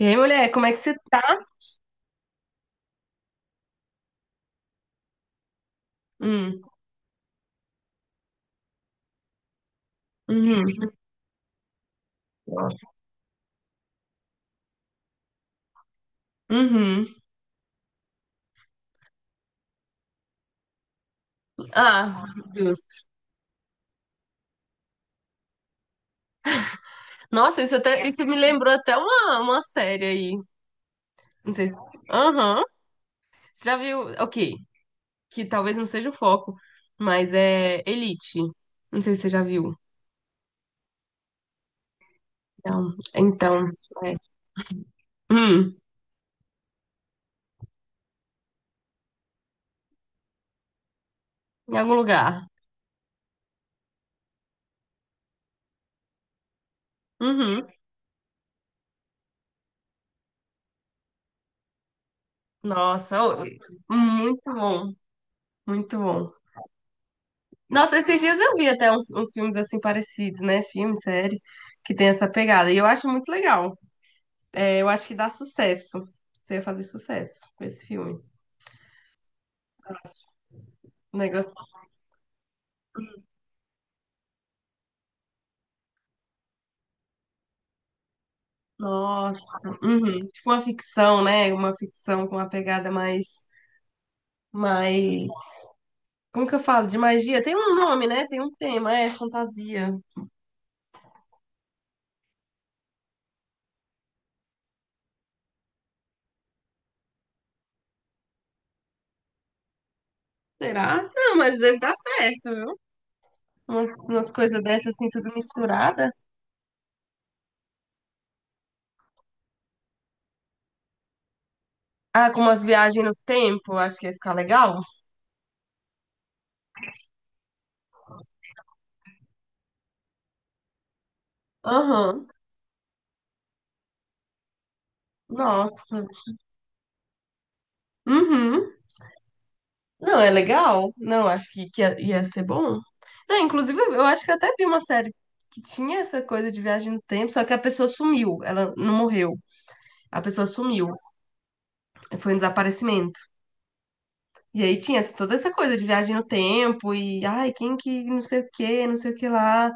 E aí, mulher, como é que você tá? Hum, uhum, nossa, uhum. Ah, justo. Nossa, isso, até, isso me lembrou até uma série aí. Não sei se. Aham. Você já viu? Ok, que talvez não seja o foco, mas é Elite. Não sei se você já viu. Então, é. Hum, Em algum lugar. Uhum. Nossa, ô, muito bom, muito bom. Nossa, esses dias eu vi até uns filmes assim parecidos, né? Filme, série, que tem essa pegada. E eu acho muito legal. É, eu acho que dá sucesso. Você ia fazer sucesso com esse filme. Acho. Um negócio. Nossa. Uhum. Tipo uma ficção, né? Uma ficção com uma pegada mais. Mais. Como que eu falo? De magia? Tem um nome, né? Tem um tema, é fantasia. Será? Não, mas às vezes dá certo, viu? Umas coisas dessas assim, tudo misturada. Ah, com umas viagens no tempo, acho que ia ficar legal. Aham. Nossa. Uhum. Não, é legal. Não, acho que ia ser bom. Não, inclusive, eu acho que eu até vi uma série que tinha essa coisa de viagem no tempo, só que a pessoa sumiu. Ela não morreu. A pessoa sumiu. Foi um desaparecimento. E aí tinha toda essa coisa de viagem no tempo e, ai, quem que não sei o que, não sei o que lá, o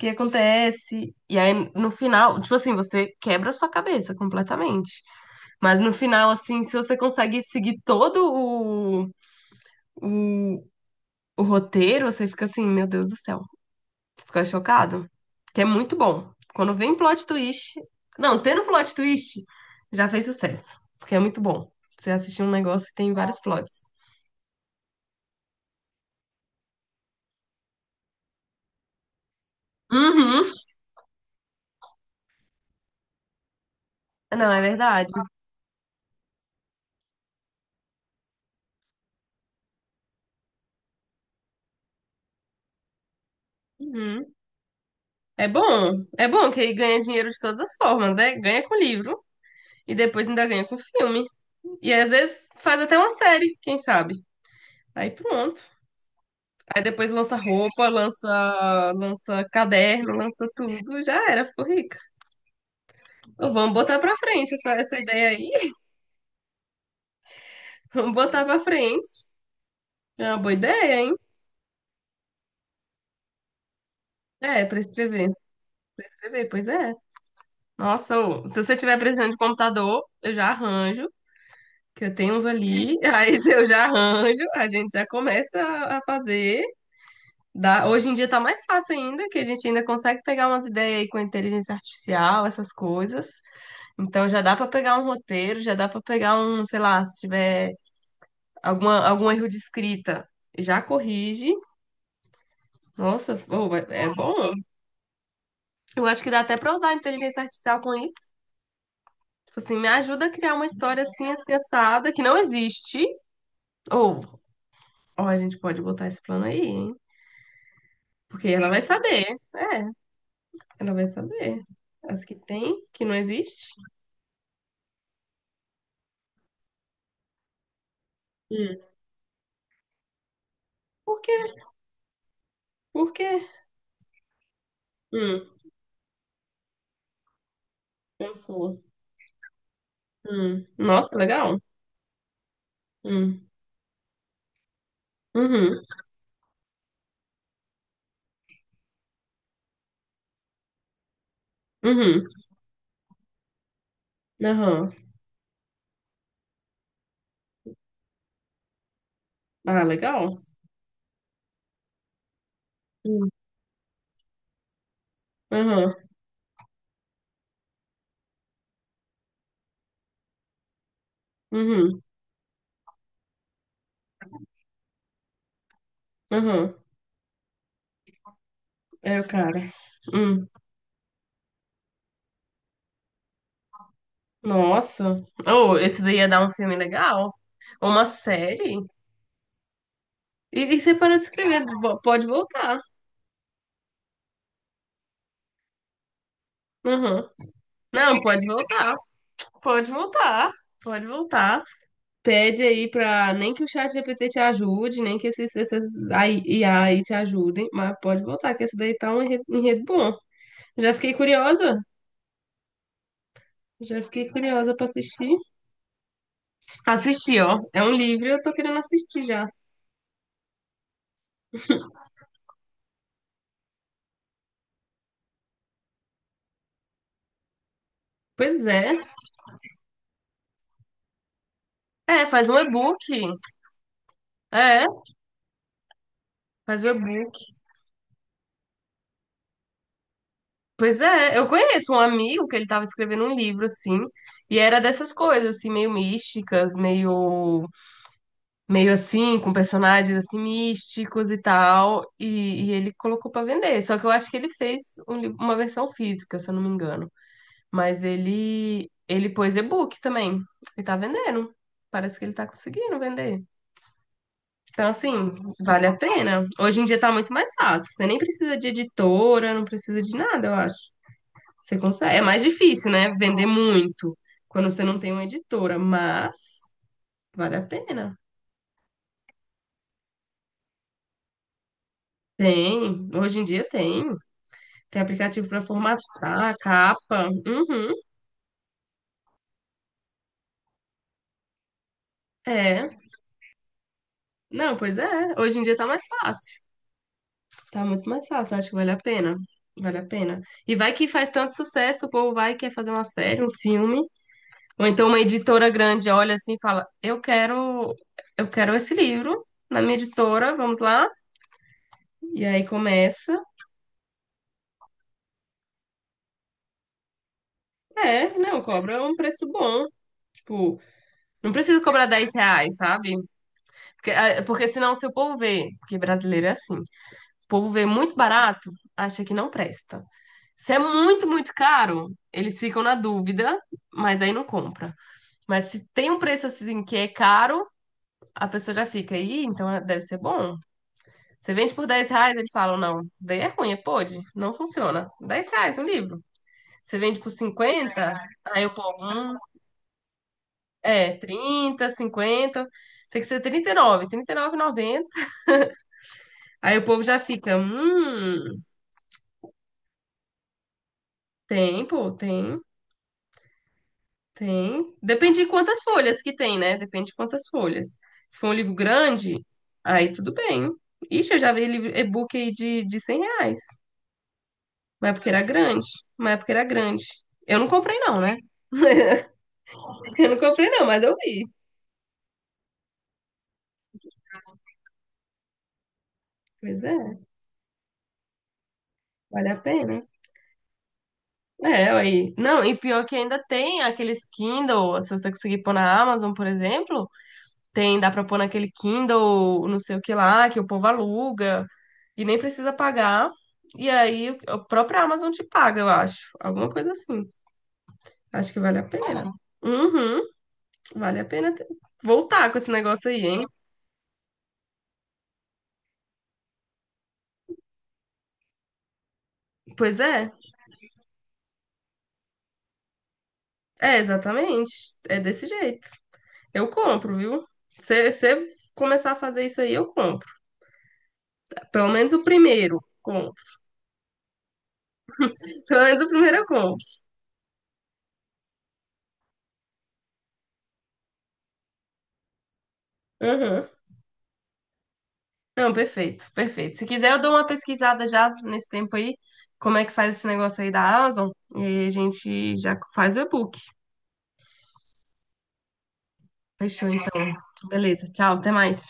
que acontece. E aí, no final, tipo assim, você quebra a sua cabeça completamente. Mas no final, assim, se você consegue seguir todo o, o roteiro, você fica assim, meu Deus do céu. Ficou chocado? Que é muito bom. Quando vem plot twist. Não, tendo plot twist, já fez sucesso. Porque é muito bom. Você assistir um negócio que tem vários plots. Uhum. Não, é verdade. Uhum. É bom. É bom que aí ganha dinheiro de todas as formas, né? Ganha com livro e depois ainda ganha com filme. E às vezes faz até uma série, quem sabe? Aí pronto. Aí depois lança roupa, lança caderno, lança tudo. Já era, ficou rica. Então, vamos botar pra frente essa ideia aí. Vamos botar pra frente. É uma boa ideia, hein? É, pra escrever. Pra escrever, pois é. Nossa, ô, se você tiver precisando de computador, eu já arranjo, que eu tenho uns ali. Aí eu já arranjo, a gente já começa a fazer. Dá. Hoje em dia tá mais fácil ainda, que a gente ainda consegue pegar umas ideias aí com inteligência artificial, essas coisas. Então já dá pra pegar um roteiro, já dá pra pegar um, sei lá, se tiver algum erro de escrita, já corrige. Nossa, ô, é bom. Eu acho que dá até pra usar a inteligência artificial com isso. Tipo assim, me ajuda a criar uma história assim, assim, assada, que não existe. Ou, ó, a gente pode botar esse plano aí, hein? Porque ela vai saber. É, ela vai saber. As que tem, que não existe. Hum. Por quê? Por quê? Hum, Pensou. Hum. Nossa, legal. Hum. Uhum. Uhum. Aham. Ah, legal. Hum. Aham. Uhum. Aham. É o cara. Hum. Nossa. Oh, esse daí ia dar um filme legal. Uma série. E você parou de escrever. Pode voltar. Uhum. Não, pode voltar. Pode voltar. Pode voltar. Pede aí pra. Nem que o chat GPT te ajude, nem que esses AI IA aí te ajudem, mas pode voltar, que esse daí tá um enredo bom. Já fiquei curiosa. Já fiquei curiosa pra assistir. Assistir, ó. É um livro e eu tô querendo assistir já. Pois é. É, faz um e-book. É, faz um e-book. Pois é, eu conheço um amigo que ele tava escrevendo um livro assim, e era dessas coisas assim meio místicas, meio assim, com personagens assim místicos e tal, e ele colocou pra vender. Só que eu acho que ele fez um uma versão física, se eu não me engano, mas ele pôs e-book também e tá vendendo. Parece que ele tá conseguindo vender. Então, assim, vale a pena. Hoje em dia tá muito mais fácil. Você nem precisa de editora, não precisa de nada, eu acho. Você consegue. É mais difícil, né? Vender muito quando você não tem uma editora, mas vale a pena. Tem, hoje em dia tem. Tem aplicativo para formatar, capa. Uhum, é. Não, pois é. Hoje em dia tá mais fácil. Tá muito mais fácil, acho que vale a pena. Vale a pena. E vai que faz tanto sucesso, o povo vai e quer fazer uma série, um filme. Ou então uma editora grande olha assim e fala: eu quero, eu quero esse livro na minha editora, vamos lá. E aí começa. É, não, cobra é um preço bom. Tipo, não precisa cobrar 10 reais, sabe? Porque, ah, porque senão se o povo vê, porque brasileiro é assim, o povo vê muito barato, acha que não presta. Se é muito, muito caro, eles ficam na dúvida, mas aí não compra. Mas se tem um preço assim que é caro, a pessoa já fica aí, então deve ser bom. Você vende por 10 reais, eles falam, não, isso daí é ruim, é pode, não funciona. 10 reais um livro. Você vende por 50, aí o povo, "Hum." É, 30 cinquenta, tem que ser 39, noventa. Aí o povo já fica, hum. Tem, pô, tem. Depende de quantas folhas que tem, né? Depende de quantas folhas. Se for um livro grande, aí tudo bem. Ixi, eu já vi livro e-book aí de 100 reais. Mas é porque era grande, mas é porque era grande. Eu não comprei não, né? Eu não comprei não, mas eu vi. Pois é, vale a pena. É, aí. Não, e pior que ainda tem aqueles Kindle, se você conseguir pôr na Amazon, por exemplo. Tem, dá pra pôr naquele Kindle, não sei o que lá, que o povo aluga e nem precisa pagar. E aí a própria Amazon te paga, eu acho. Alguma coisa assim. Acho que vale a pena. É. Uhum, vale a pena voltar com esse negócio aí, hein? Pois é, é exatamente. É desse jeito. Eu compro, viu? Se você começar a fazer isso aí, eu compro. Pelo menos o primeiro. Compro. Pelo menos o primeiro eu compro. Uhum. Não, perfeito, perfeito. Se quiser, eu dou uma pesquisada já nesse tempo aí, como é que faz esse negócio aí da Amazon, e aí a gente já faz o e-book. Fechou, então. Beleza, tchau, até mais.